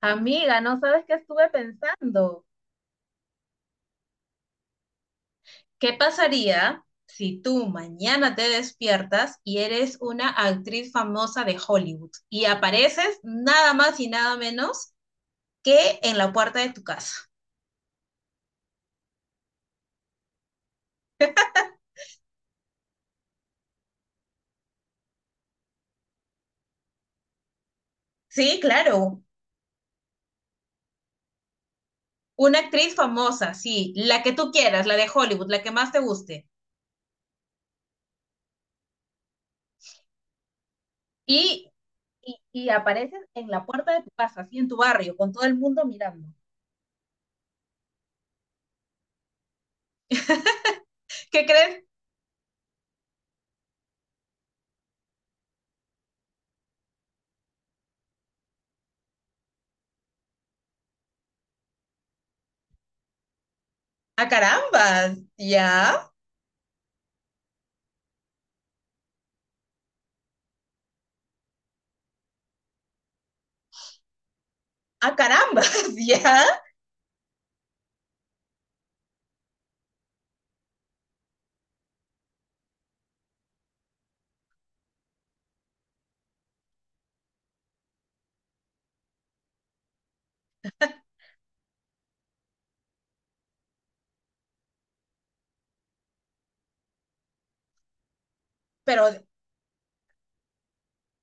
Amiga, ¿no sabes qué estuve pensando? ¿Qué pasaría si tú mañana te despiertas y eres una actriz famosa de Hollywood y apareces nada más y nada menos que en la puerta de tu casa? Sí, claro, una actriz famosa, sí, la que tú quieras, la de Hollywood, la que más te guste. Y, y apareces en la puerta de tu casa, así en tu barrio, con todo el mundo mirando. ¿Qué crees? A carambas, ya. A carambas, ya. Pero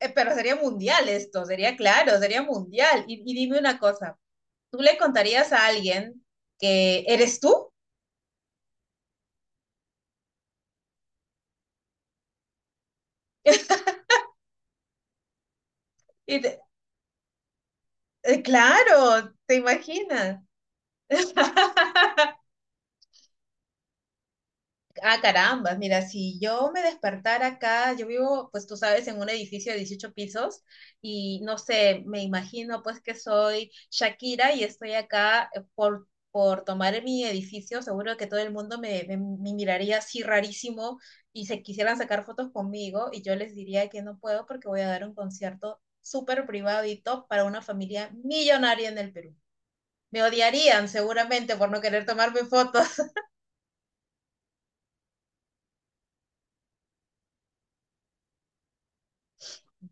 pero sería mundial esto, sería claro, sería mundial. Y dime una cosa, ¿tú le contarías a alguien que eres tú? Y te- claro, ¿te imaginas? Ah, caramba, mira, si yo me despertara acá, yo vivo, pues tú sabes, en un edificio de 18 pisos y no sé, me imagino pues que soy Shakira y estoy acá, por tomar mi edificio, seguro que todo el mundo me miraría así rarísimo y se quisieran sacar fotos conmigo y yo les diría que no puedo porque voy a dar un concierto súper privado y top para una familia millonaria en el Perú. Me odiarían seguramente por no querer tomarme fotos.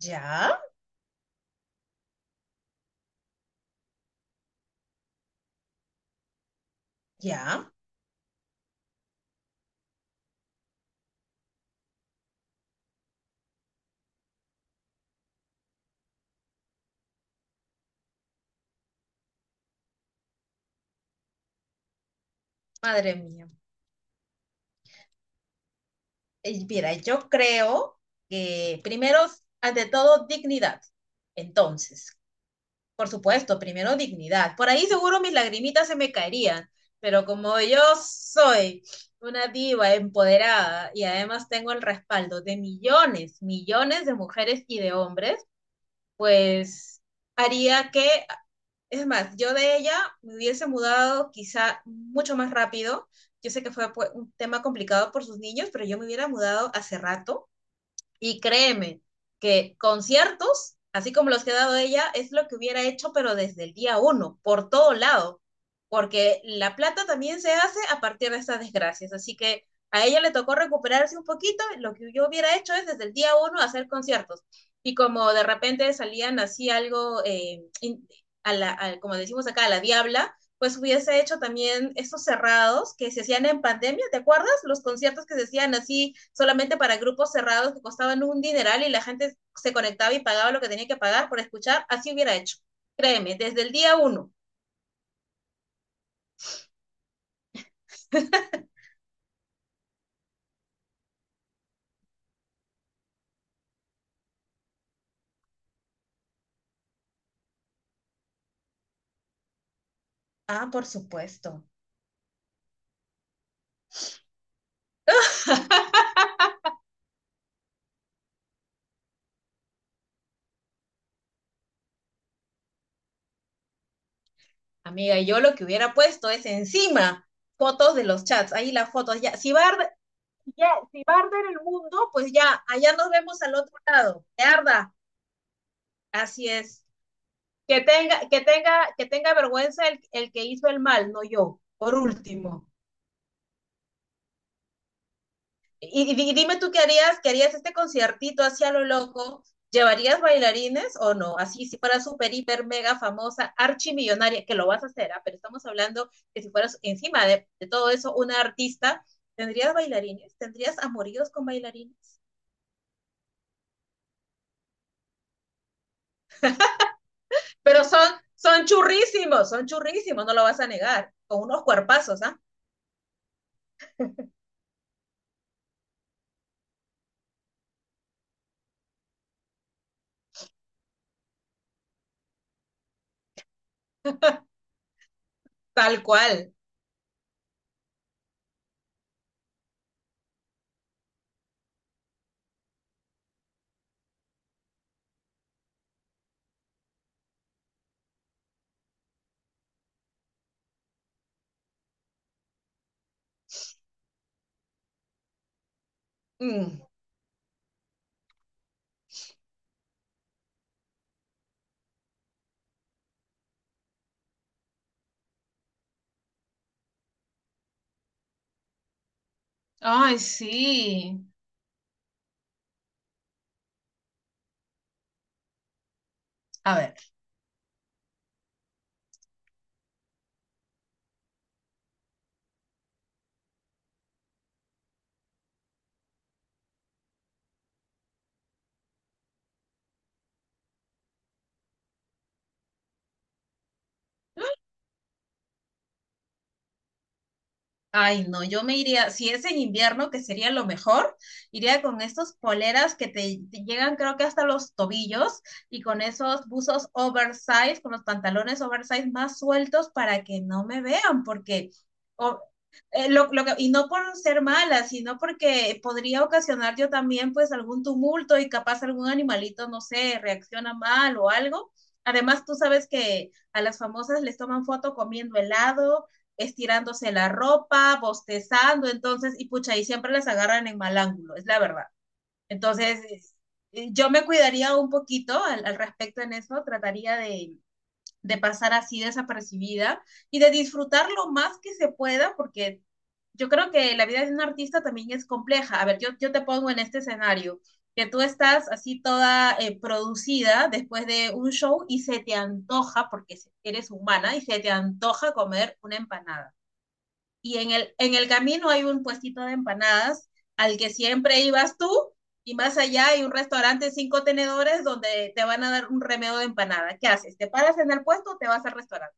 Ya, ya. Madre mía. Mira, yo creo que primero, ante todo, dignidad. Entonces, por supuesto, primero dignidad. Por ahí seguro mis lagrimitas se me caerían, pero como yo soy una diva empoderada y además tengo el respaldo de millones, millones de mujeres y de hombres, pues haría que, es más, yo de ella me hubiese mudado quizá mucho más rápido. Yo sé que fue pues, un tema complicado por sus niños, pero yo me hubiera mudado hace rato y créeme que conciertos, así como los que ha dado ella, es lo que hubiera hecho, pero desde el día uno, por todo lado, porque la plata también se hace a partir de estas desgracias. Así que a ella le tocó recuperarse un poquito. Lo que yo hubiera hecho es desde el día uno hacer conciertos. Y como de repente salían así algo, como decimos acá, a la diabla, pues hubiese hecho también estos cerrados que se hacían en pandemia, ¿te acuerdas? Los conciertos que se hacían así solamente para grupos cerrados que costaban un dineral y la gente se conectaba y pagaba lo que tenía que pagar por escuchar, así hubiera hecho. Créeme, desde el día uno. Ah, por supuesto. Amiga, yo lo que hubiera puesto es encima fotos de los chats, ahí las fotos, ya, si va a arder, ya, si va a arder el mundo, pues ya, allá nos vemos al otro lado, que arda, así es. Que tenga, que tenga, que tenga vergüenza el que hizo el mal, no yo, por último. Y dime tú qué harías este conciertito hacia lo loco. ¿Llevarías bailarines o no? Así, si fueras súper, hiper, mega famosa, archimillonaria, que lo vas a hacer, ¿ah? Pero estamos hablando que si fueras encima de, todo eso una artista, ¿tendrías bailarines? ¿Tendrías amoríos con bailarines? Pero son churrísimos, son churrísimos, no lo vas a negar, con unos cuerpazos, ¿ah? Tal cual. Mm. Ay, sí. A ver. Ay, no, yo me iría, si es en invierno, que sería lo mejor, iría con estos poleras que te llegan creo que hasta los tobillos y con esos buzos oversize, con los pantalones oversize más sueltos para que no me vean, porque o- y no por ser mala, sino porque podría ocasionar yo también pues algún tumulto y capaz algún animalito, no sé, reacciona mal o algo. Además, tú sabes que a las famosas les toman foto comiendo helado, estirándose la ropa, bostezando, entonces, y pucha, y siempre las agarran en mal ángulo, es la verdad. Entonces, yo me cuidaría un poquito al respecto en eso, trataría de pasar así desapercibida y de disfrutar lo más que se pueda, porque yo creo que la vida de un artista también es compleja. A ver, yo te pongo en este escenario, que tú estás así toda producida después de un show y se te antoja, porque eres humana, y se te antoja comer una empanada y en el camino hay un puestito de empanadas al que siempre ibas tú y más allá hay un restaurante de cinco tenedores donde te van a dar un remedo de empanada. ¿Qué haces? ¿Te paras en el puesto o te vas al restaurante?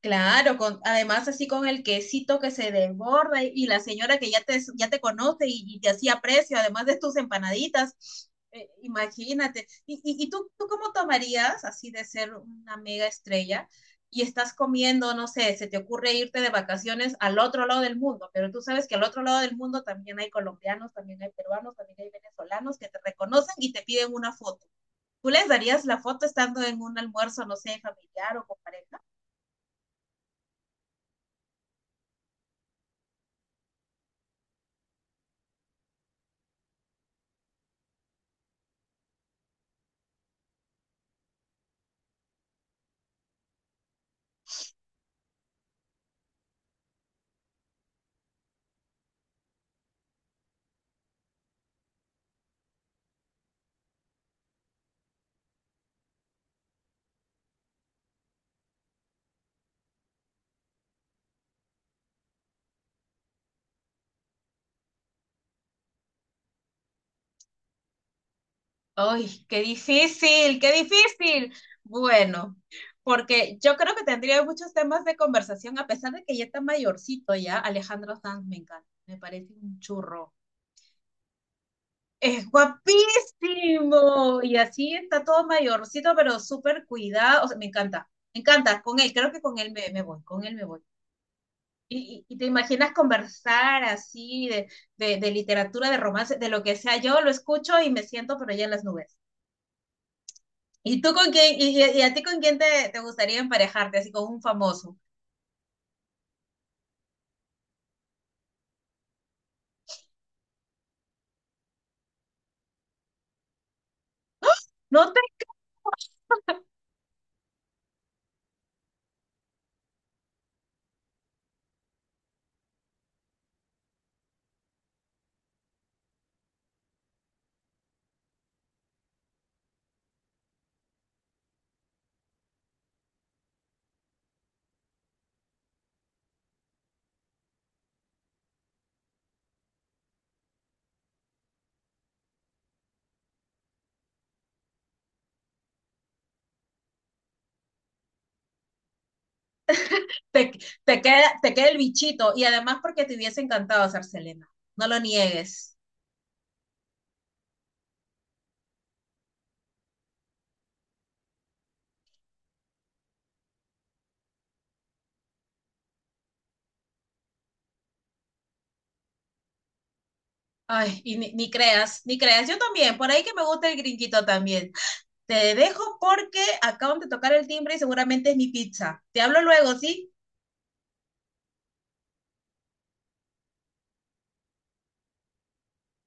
Claro, además así con el quesito que se desborda y la señora que ya te conoce y te hacía precio, además de tus empanaditas, imagínate. ¿Y, y tú cómo tomarías así de ser una mega estrella y estás comiendo, no sé, se te ocurre irte de vacaciones al otro lado del mundo, pero tú sabes que al otro lado del mundo también hay colombianos, también hay peruanos, también hay venezolanos que te reconocen y te piden una foto? ¿Tú les darías la foto estando en un almuerzo, no sé, familiar o con pareja? ¡Ay, qué difícil, qué difícil! Bueno, porque yo creo que tendría muchos temas de conversación, a pesar de que ya está mayorcito ya. Alejandro Sanz me encanta, me parece un churro. Es guapísimo. Y así está todo mayorcito, pero súper cuidado. O sea, me encanta, me encanta. Con él, creo que con él me voy, con él me voy. Y te imaginas conversar así de, de literatura, de romance, de lo que sea. Yo lo escucho y me siento, pero ya en las nubes. ¿Y tú con quién, y a ti con quién te gustaría emparejarte, así con un famoso? No te, te, te queda, te queda el bichito, y además porque te hubiese encantado ser Selena, no lo niegues. Ay, y ni creas, ni creas, yo también, por ahí que me gusta el gringuito también. Te dejo porque acaban de tocar el timbre y seguramente es mi pizza. Te hablo luego, ¿sí?